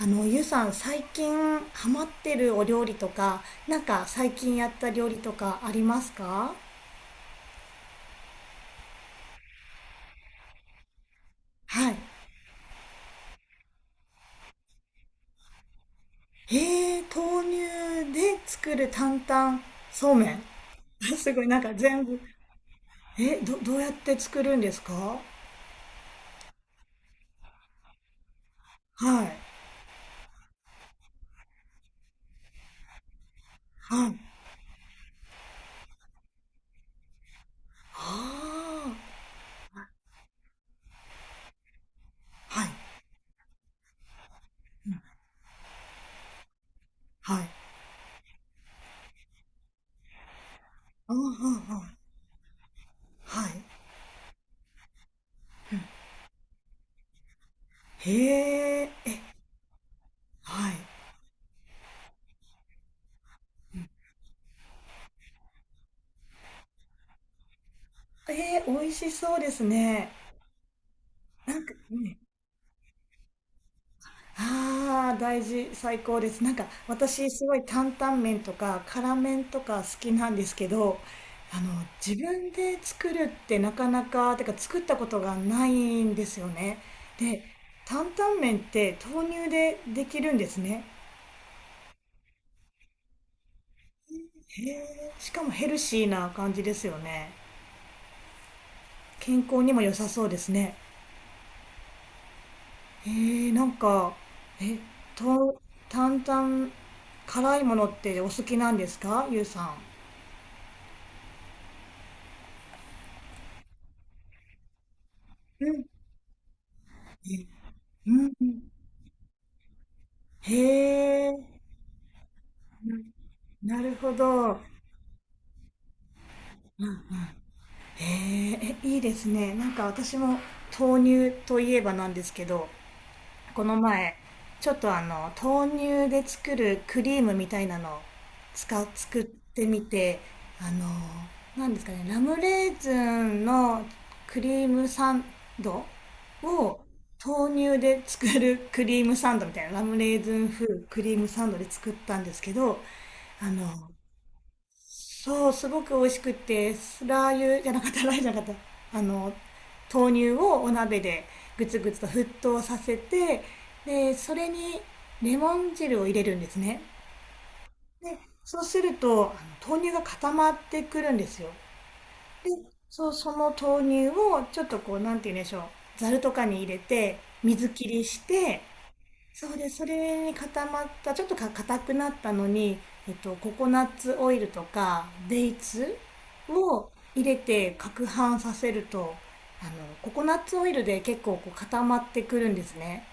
ゆうさん、最近ハマってるお料理とか、なんか最近やった料理とかありますか？はい。へえ、豆乳で作る担々そうめん。すごい、なんか全部。どうやって作るんですか？はい。はい。ああ。はい。はい。ああ、はい。はい。へえ、え、はい。えー、美味しそうですね。なんか、ね、ああ、大事、最高です。なんか私すごい担々麺とか辛麺とか好きなんですけど、あの、自分で作るってなかなか、てか作ったことがないんですよね。で、担々麺って豆乳でできるんですね。へえ、しかもヘルシーな感じですよね。健康にも良さそうですね。へえ、なんか、え、と、担々、辛いものってお好きなんですか、ゆうさん。うん。うんうん。へえ、ななるほど。へえ、え、いいですね。なんか私も豆乳といえばなんですけど、この前、ちょっとあの、豆乳で作るクリームみたいなのを作ってみて、あの、なんですかね、ラムレーズンのクリームサンドを豆乳で作るクリームサンドみたいな、ラムレーズン風クリームサンドで作ったんですけど、あの、そう、すごく美味しくって、スラー油じゃなかった、ラー油じゃなかった。あの、豆乳をお鍋でぐつぐつと沸騰させて、で、それにレモン汁を入れるんですね。で、そうすると、あの豆乳が固まってくるんですよ。で、そう、その豆乳をちょっとこう、なんて言うんでしょう、ざるとかに入れて、水切りして、そうです。それに固まった、ちょっと硬くなったのに、えっと、ココナッツオイルとか、デイツを入れて攪拌させると、あの、ココナッツオイルで結構こう固まってくるんですね。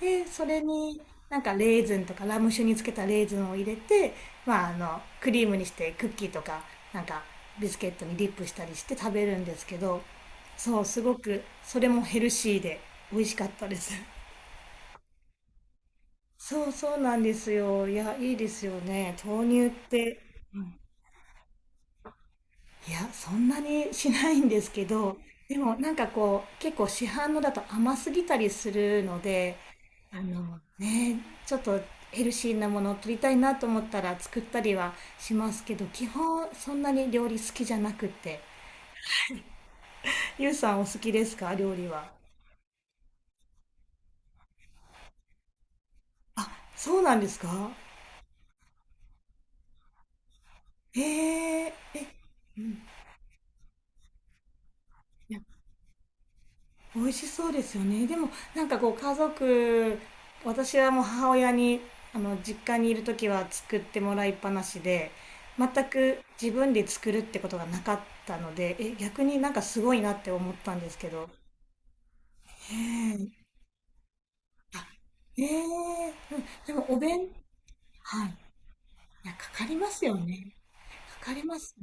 で、それになんかレーズンとかラム酒につけたレーズンを入れて、まあ、あの、クリームにしてクッキーとか、なんかビスケットにディップしたりして食べるんですけど、そう、すごくそれもヘルシーで美味しかったです。そうそうなんですよ。いや、いいですよね、豆乳って。いや、そんなにしないんですけど、でもなんかこう、結構市販のだと甘すぎたりするので、あのね、ちょっとヘルシーなものを取りたいなと思ったら作ったりはしますけど、基本そんなに料理好きじゃなくて。ゆうさんお好きですか、料理は。あ、そうなんですか。へえ。美味しそうですよね。でもなんかこう家族、私はもう母親に、あの、実家にいる時は作ってもらいっぱなしで、全く自分で作るってことがなかったので、え、逆になんかすごいなって思ったんですけど。へえ、ええ、うでもお弁、はい。いや、かかりますよね。かかります。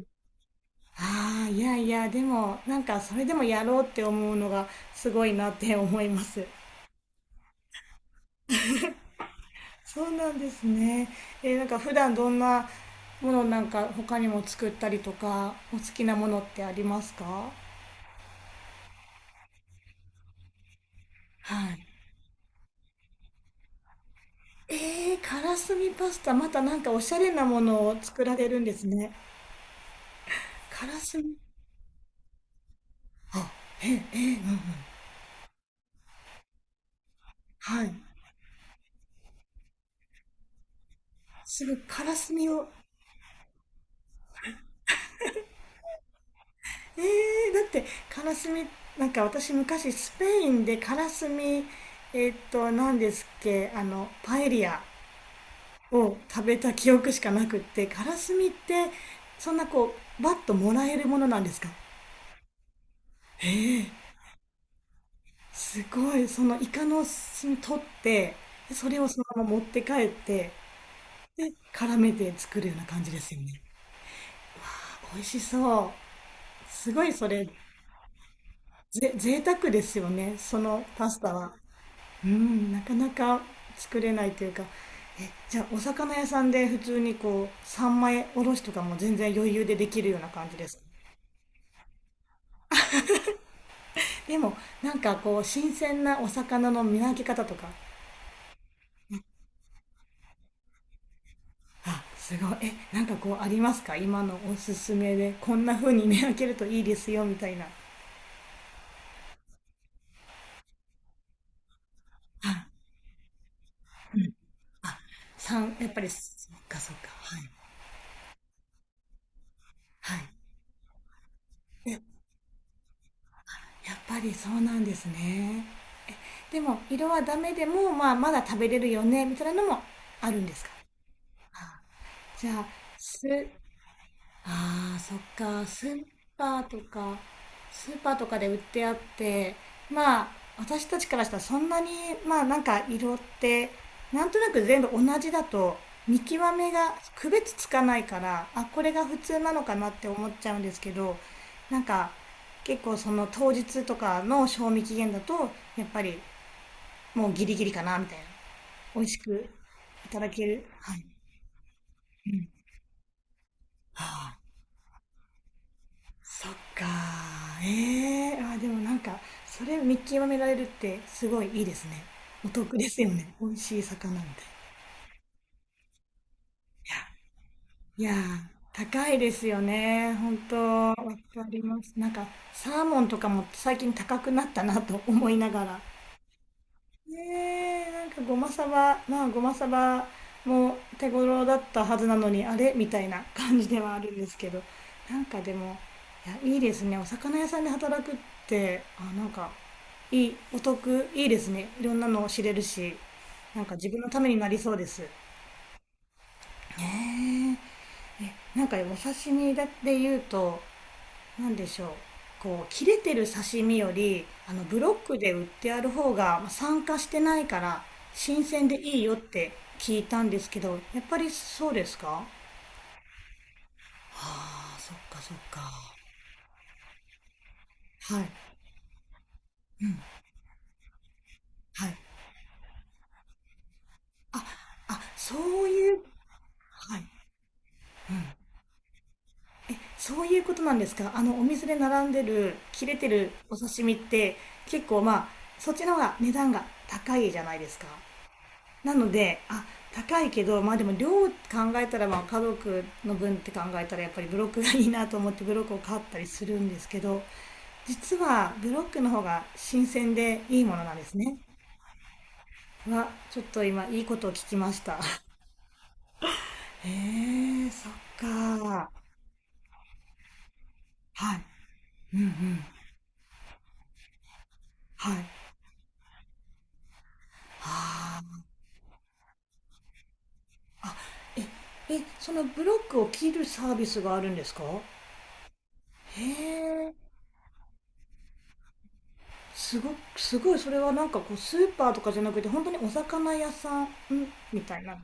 ああ、いやいや、でもなんかそれでもやろうって思うのがすごいなって思います。そうなんですね。えー、なんか普段どんなものなんか他にも作ったりとか、お好きなものってありますか？はい。えー、からすみパスタ、またなんかおしゃれなものを作られるんですね。からすみ、あ、え、え、うん、はい。すぐからすみを、えだってからすみ、なんか私昔スペインでからすみ、えーっと、何ですっけ、あの、パエリアを食べた記憶しかなくって、カラスミってそんなこうバッともらえるものなんですか？へえ、すごい。そのイカの墨取ってそれをそのまま持って帰ってで絡めて作るような感じですよね。美味しそう、すごいそれ。ぜ贅沢ですよね、そのパスタは。うん、なかなか作れないというか。え、じゃあお魚屋さんで普通にこう三枚おろしとかも全然余裕でできるような感じですか？でもなんかこう新鮮なお魚の見分け方とか。あ、すごい。え、なんかこうありますか、今のおすすめで、こんな風に見分けるといいですよみたいな。ああさんやっぱりそっか、そっか、はい、はい。え、やっぱりそうなんですね。でも色はダメでも、まあ、まだ食べれるよねみたいなのもあるんですか？あじゃあすああ、そっか。スーパーとか、スーパーとかで売ってあって、まあ、私たちからしたらそんなに、まあなんか色って、なんとなく全部同じだと、見極めが区別つかないから、あ、これが普通なのかなって思っちゃうんですけど、なんか、結構その当日とかの賞味期限だと、やっぱりもうギリギリかな、みたいな。美味しくいただける。はい。はあ、そっか。ええー、あー、でもなんかそれ見極められるってすごいいいですね。お得ですよね、美味しい魚みたいな。いやいやー、高いですよね、本当。わかります。なんかサーモンとかも最近高くなったなと思いながら、ねえ、なんかごまさば、まあごまさばも手頃だったはずなのに、あれみたいな感じではあるんですけど、なんかでも、いや、いいですね、お魚屋さんで働くって。あ、なんか、いい、お得、いいですね。いろんなのを知れるし、なんか自分のためになりそうです。ねえ、なんかお刺身だって言うと、なんでしょう、こう、切れてる刺身より、あの、ブロックで売ってある方が、まあ酸化してないから、新鮮でいいよって聞いたんですけど、やっぱりそうですか？ああ、そっか、そっか。はい。はい。あ、そういう、はい。え、そういうことなんですか、あの、お店で並んでる、切れてるお刺身って、結構まあ、そっちの方が値段が高いじゃないですか。なのであ、高いけどまあでも量考えたらまあ家族の分って考えたらやっぱりブロックがいいなと思ってブロックを買ったりするんですけど、実はブロックの方が新鮮でいいものなんですね。はちょっと今いいことを聞きました。へえ、そっか。はい。うんうん。はい。はあ。あ、え、そのブロックを切るサービスがあるんですか？へすごすごい、それはなんかこうスーパーとかじゃなくて本当にお魚屋さんみたいな。へ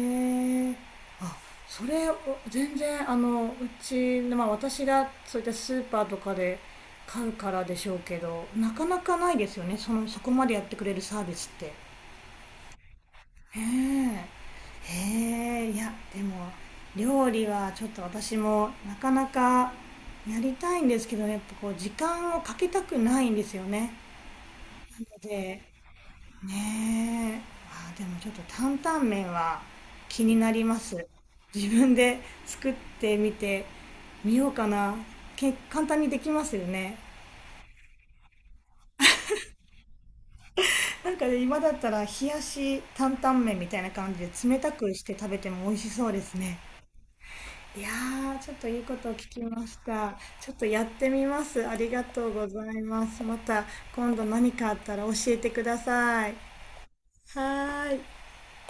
え、あ、それを、全然、あの、うちの、まあ、私がそういったスーパーとかで買うからでしょうけど、なかなかないですよね、そのそこまでやってくれるサービスって。へえ、へえ、いやでも料理はちょっと私もなかなか、やりたいんですけどね、やっぱこう時間をかけたくないんですよね、ので、ねえ、あ、でもちょっと担々麺は気になります。自分で作ってみてみようかな。簡単にできますよね。なんかね、今だったら冷やし担々麺みたいな感じで冷たくして食べても美味しそうですね。いやー、ちょっといいことを聞きました。ちょっとやってみます。ありがとうございます。また今度何かあったら教えてください。はーい。